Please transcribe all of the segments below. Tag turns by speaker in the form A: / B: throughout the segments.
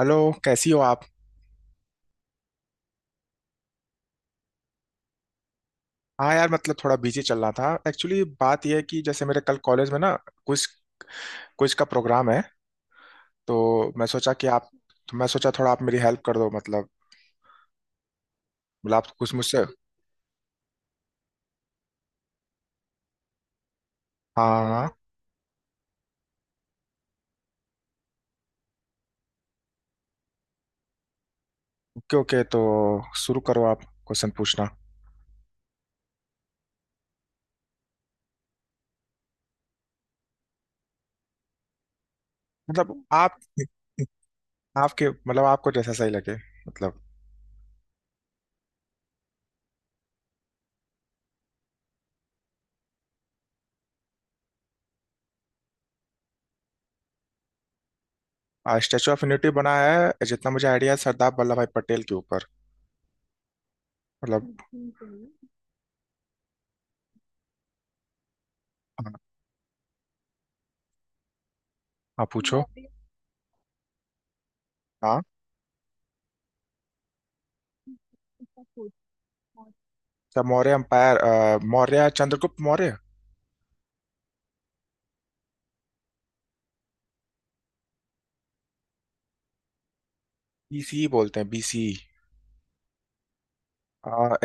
A: Hello. कैसी हो आप? हाँ यार, मतलब थोड़ा बिजी चल रहा था। एक्चुअली बात यह है कि जैसे मेरे कल कॉलेज में ना कुछ कुछ का प्रोग्राम है, तो मैं सोचा कि आप, तो मैं सोचा थोड़ा आप मेरी हेल्प कर दो। मतलब आप कुछ मुझसे। हाँ हाँ। ओके ओके, तो शुरू करो, आप क्वेश्चन पूछना। मतलब आप, आपके मतलब आपको जैसा सही लगे, मतलब। स्टैचू ऑफ यूनिटी बना है, जितना मुझे आइडिया है, सरदार वल्लभ भाई पटेल के ऊपर। मतलब हाँ, आप पूछो। हाँ, क्या मौर्य एम्पायर, मौर्य चंद्रगुप्त मौर्य। बीसी बोलते हैं बीसी।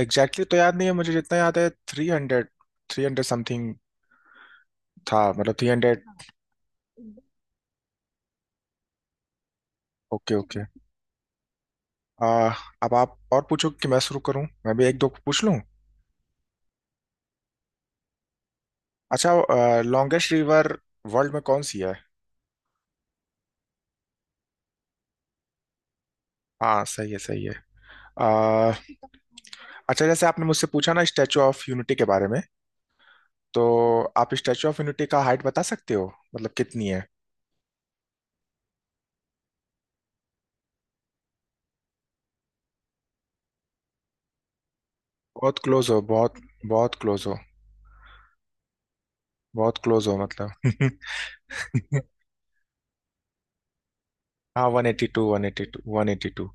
A: एग्जैक्टली तो याद नहीं है मुझे, जितना याद है three hundred, three hundred something था। मतलब थ्री हंड्रेड। Okay okay. अब आप और पूछो कि मैं शुरू करूं, मैं भी एक दो पूछ लूं। अच्छा, लॉन्गेस्ट रिवर वर्ल्ड में कौन सी है? हाँ सही है, सही है। आ, अच्छा, जैसे आपने मुझसे पूछा ना स्टैचू ऑफ यूनिटी के बारे में, तो आप स्टैचू ऑफ यूनिटी का हाइट बता सकते हो मतलब कितनी है? बहुत क्लोज हो, बहुत बहुत क्लोज हो। बहुत क्लोज हो मतलब। हाँ, one eighty two, one eighty two, one eighty two.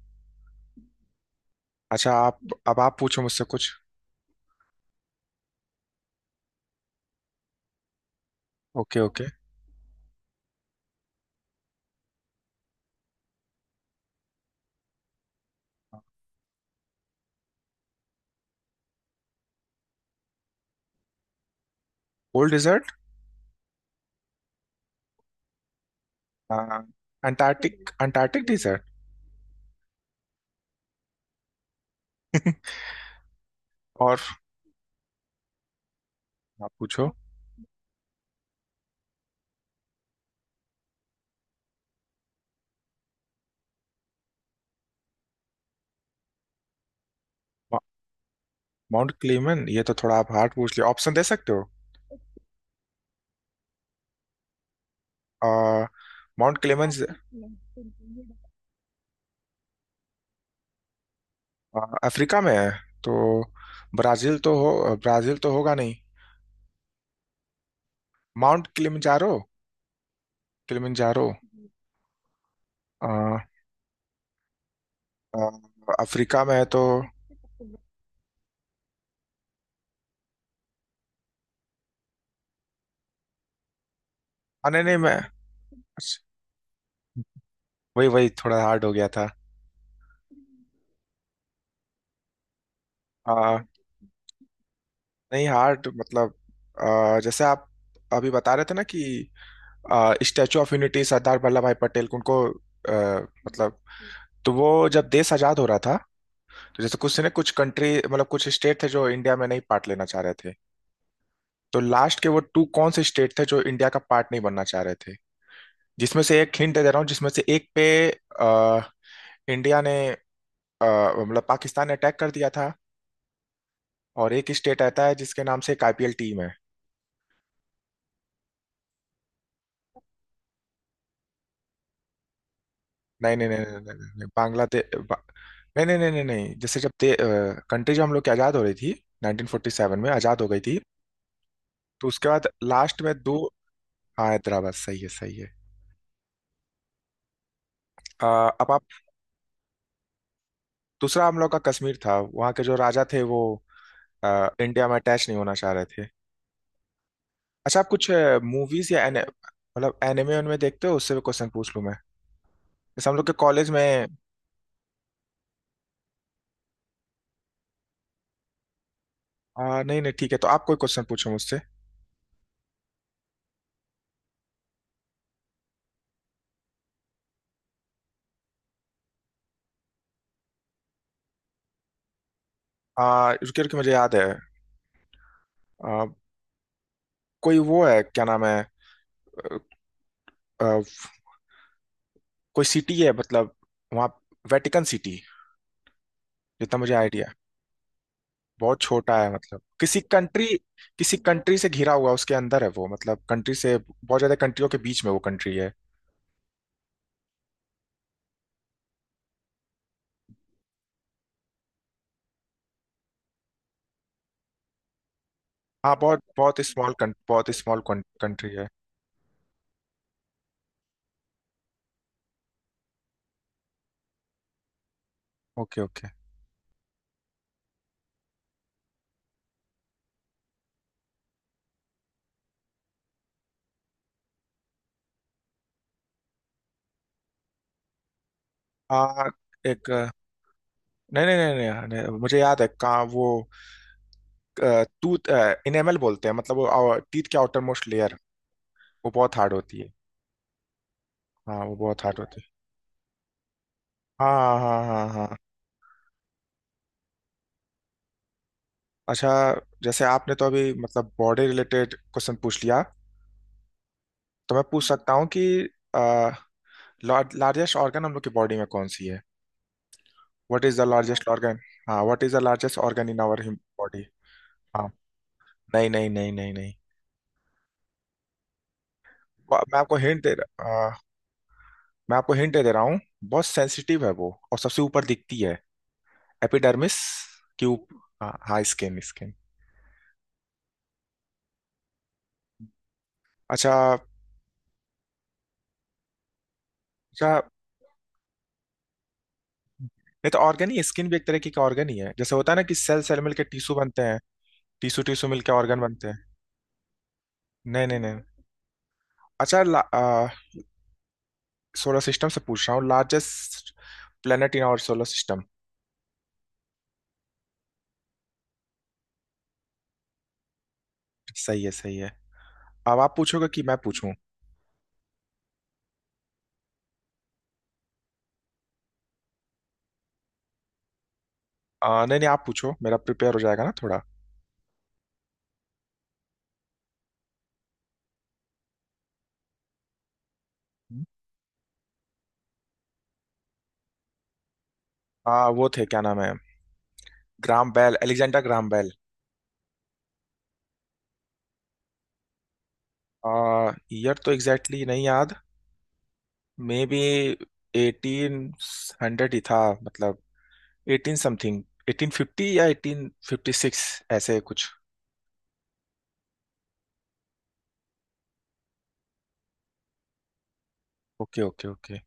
A: अच्छा आप, अब आप पूछो मुझसे कुछ। Okay okay. Cold desert. Antarctic, Antarctic desert. और आप पूछो। मा- माउंट क्लेमन, ये तो थोड़ा आप हार्ड पूछ लिया, ऑप्शन दे सकते हो? अ, माउंट क्लेमन अफ्रीका में है तो, ब्राजील तो हो, ब्राजील तो होगा नहीं। Mount Kilimanjaro, Kilimanjaro. Uh, uh, Africa में है तो। नहीं नहीं मैं, अच्छा, वही वही थोड़ा हार्ड हो गया था। नहीं हार्ड मतलब, जैसे आप अभी बता रहे थे ना कि statue of Unity Sardar Vallabhbhai Patel को उनको मतलब, तो वो जब देश आजाद हो रहा था, तो जैसे कुछ ने कुछ कंट्री मतलब कुछ स्टेट थे जो इंडिया में नहीं पार्ट लेना चाह रहे थे। तो लास्ट के वो टू कौन से स्टेट थे जो इंडिया का पार्ट नहीं बनना चाह रहे थे? जिसमें से एक हिंट दे दे रहा हूँ, जिसमें से एक पे अ, इंडिया ने अ, मतलब पाकिस्तान ने अटैक कर दिया था, और एक स्टेट आता है जिसके नाम से एक आईपीएल टीम है। नहीं नहीं नहीं नहीं नहीं नहीं नहीं, बांग्लादेश बा, नहीं नहीं नहीं नहीं नहीं, जैसे जब ते कंट्री जो हम लोग की आज़ाद हो रही थी, 1947 में आज़ाद हो गई थी। तो उसके बाद लास्ट में दो। हाँ हैदराबाद, सही है सही है। अ, अब आप, दूसरा हम लोग का कश्मीर था, वहाँ के जो राजा थे वो इंडिया में अटैच नहीं होना चाह रहे थे। अच्छा, आप कुछ मूवीज या मतलब एनिमे उनमें देखते हो, उससे भी क्वेश्चन पूछ लूँ मैं? जैसे हम लोग के कॉलेज में, नहीं नहीं, ठीक है, तो आप कोई क्वेश्चन पूछो मुझसे। अ, रुकिए रुकिए, मुझे याद है। अ, कोई वो है, क्या नाम है? कोई सिटी है मतलब, वहाँ, वेटिकन सिटी। जितना मुझे आइडिया है, बहुत छोटा है मतलब, किसी कंट्री, किसी कंट्री से घिरा हुआ उसके अंदर है वो, मतलब कंट्री से बहुत ज्यादा कंट्रियों के बीच में वो कंट्री है। हाँ बहुत, बहुत स्मॉल। बहुत स्मॉल कंट्री है। ओके ओके। आ, एक नहीं नहीं नहीं नहीं, नहीं, मुझे याद है कहाँ वो। टूथ इनेमल बोलते हैं मतलब, वो टीथ के आउटर मोस्ट लेयर, वो बहुत हार्ड होती है। हाँ वो बहुत हार्ड होती है। हाँ हाँ हाँ हाँ। अच्छा, जैसे आपने तो अभी मतलब बॉडी रिलेटेड क्वेश्चन पूछ लिया, तो मैं पूछ सकता हूँ कि लार्जेस्ट ऑर्गन हम लोग की बॉडी में कौन सी है? What is the largest organ? हाँ what is the largest organ in our body? हाँ। नहीं नहीं नहीं नहीं नहीं। मैं आपको हिंट दे रहा मैं आपको हिंट दे रहा हूँ, बहुत सेंसिटिव है वो और सबसे ऊपर दिखती है, एपिडर्मिस की ऊप, हाँ हाँ स्किन स्किन। अच्छा। अच्छा नहीं, तो ऑर्गन ही, स्किन भी एक तरह की ऑर्गन ही है। जैसे होता है ना कि सेल सेल मिलकर टिश्यू बनते हैं, टीसू टीसू मिलके ऑर्गन बनते हैं। नहीं नहीं नहीं। अच्छा सोलर सिस्टम से पूछ रहा हूँ, largest planet in our solar system? सही है, सही है। अब आप पूछोगे कि मैं पूछूं? नहीं नहीं, आप पूछो, मेरा प्रिपेयर हो जाएगा ना थोड़ा। वो थे क्या नाम है, Graham Bell, Alexander Graham Bell. आ, ईयर तो एग्जैक्टली exactly नहीं याद, मे बी एटीन हंड्रेड ही था, मतलब एटीन समथिंग, एटीन फिफ्टी या एटीन फिफ्टी सिक्स, ऐसे कुछ। Okay okay okay.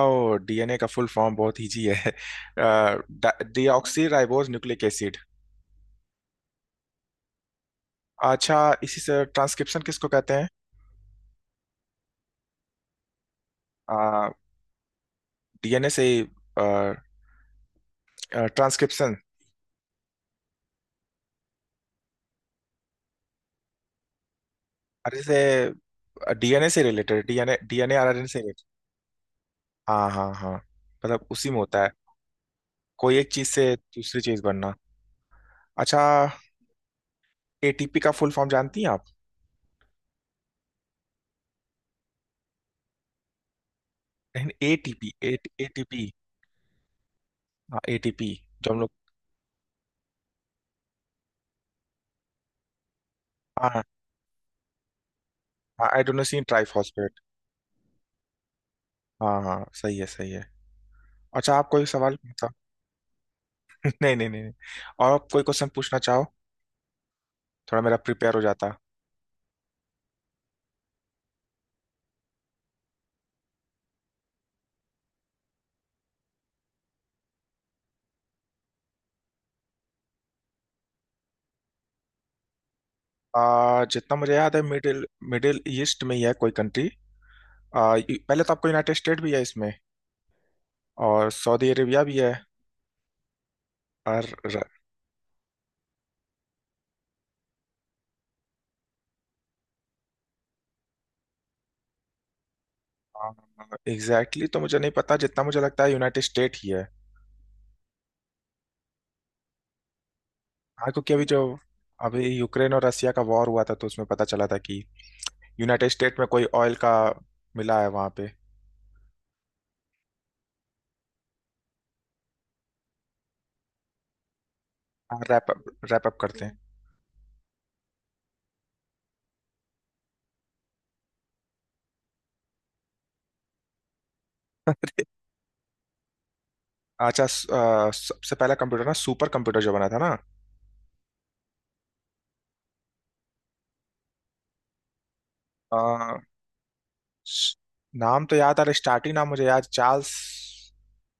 A: Oh, DNA का फुल फॉर्म बहुत इजी है, डीऑक्सी राइबोज न्यूक्लिक एसिड। अच्छा, इसी से ट्रांसक्रिप्शन किसको कहते हैं? डीएनए से ट्रांसक्रिप्शन। अरे से, डीएनए से रिलेटेड, डीएनए डीएनए आरएनए से रिलेटेड। हाँ हाँ हाँ, मतलब उसी में होता है, कोई एक चीज से दूसरी चीज बनना। अच्छा, एटीपी का फुल फॉर्म जानती हैं आप? नहीं एटीपी, एटीपी, हाँ एटीपी, जो हम लोग। हाँ हाँ, आइडोनोसिन ट्राइफॉस्फेट। हाँ हाँ, सही है सही है। अच्छा, आप कोई सवाल पूछा। नहीं नहीं नहीं नहीं। और आप कोई क्वेश्चन पूछना चाहो, थोड़ा मेरा प्रिपेयर हो जाता। जितना मुझे याद है, मिडिल, मिडिल ईस्ट में ही है कोई कंट्री। ये- पहले तो आपको यूनाइटेड स्टेट भी है इसमें, और सऊदी अरेबिया भी है। और एग्जैक्टली exactly तो मुझे नहीं पता, जितना मुझे लगता है यूनाइटेड स्टेट ही है। हाँ, क्योंकि अभी जो अभी यूक्रेन और रसिया का वॉर हुआ था, तो उसमें पता चला था कि यूनाइटेड स्टेट में कोई ऑयल का मिला है वहां पे। हाँ, रैप अप, रैप अप करते हैं। अच्छा सबसे पहला कंप्यूटर ना, सुपर कंप्यूटर जो बना था ना, अ, स- नाम तो याद आ रहा, स्टार्टिंग नाम मुझे याद, चार्ल्स,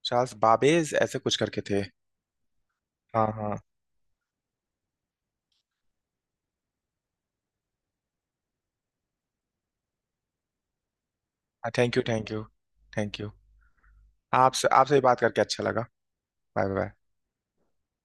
A: चार्ल्स बाबेज, ऐसे कुछ करके थे। हाँ हाँ। Thank you, thank you. Thank you. आपसे, आपसे भी बात करके अच्छा लगा। Bye bye.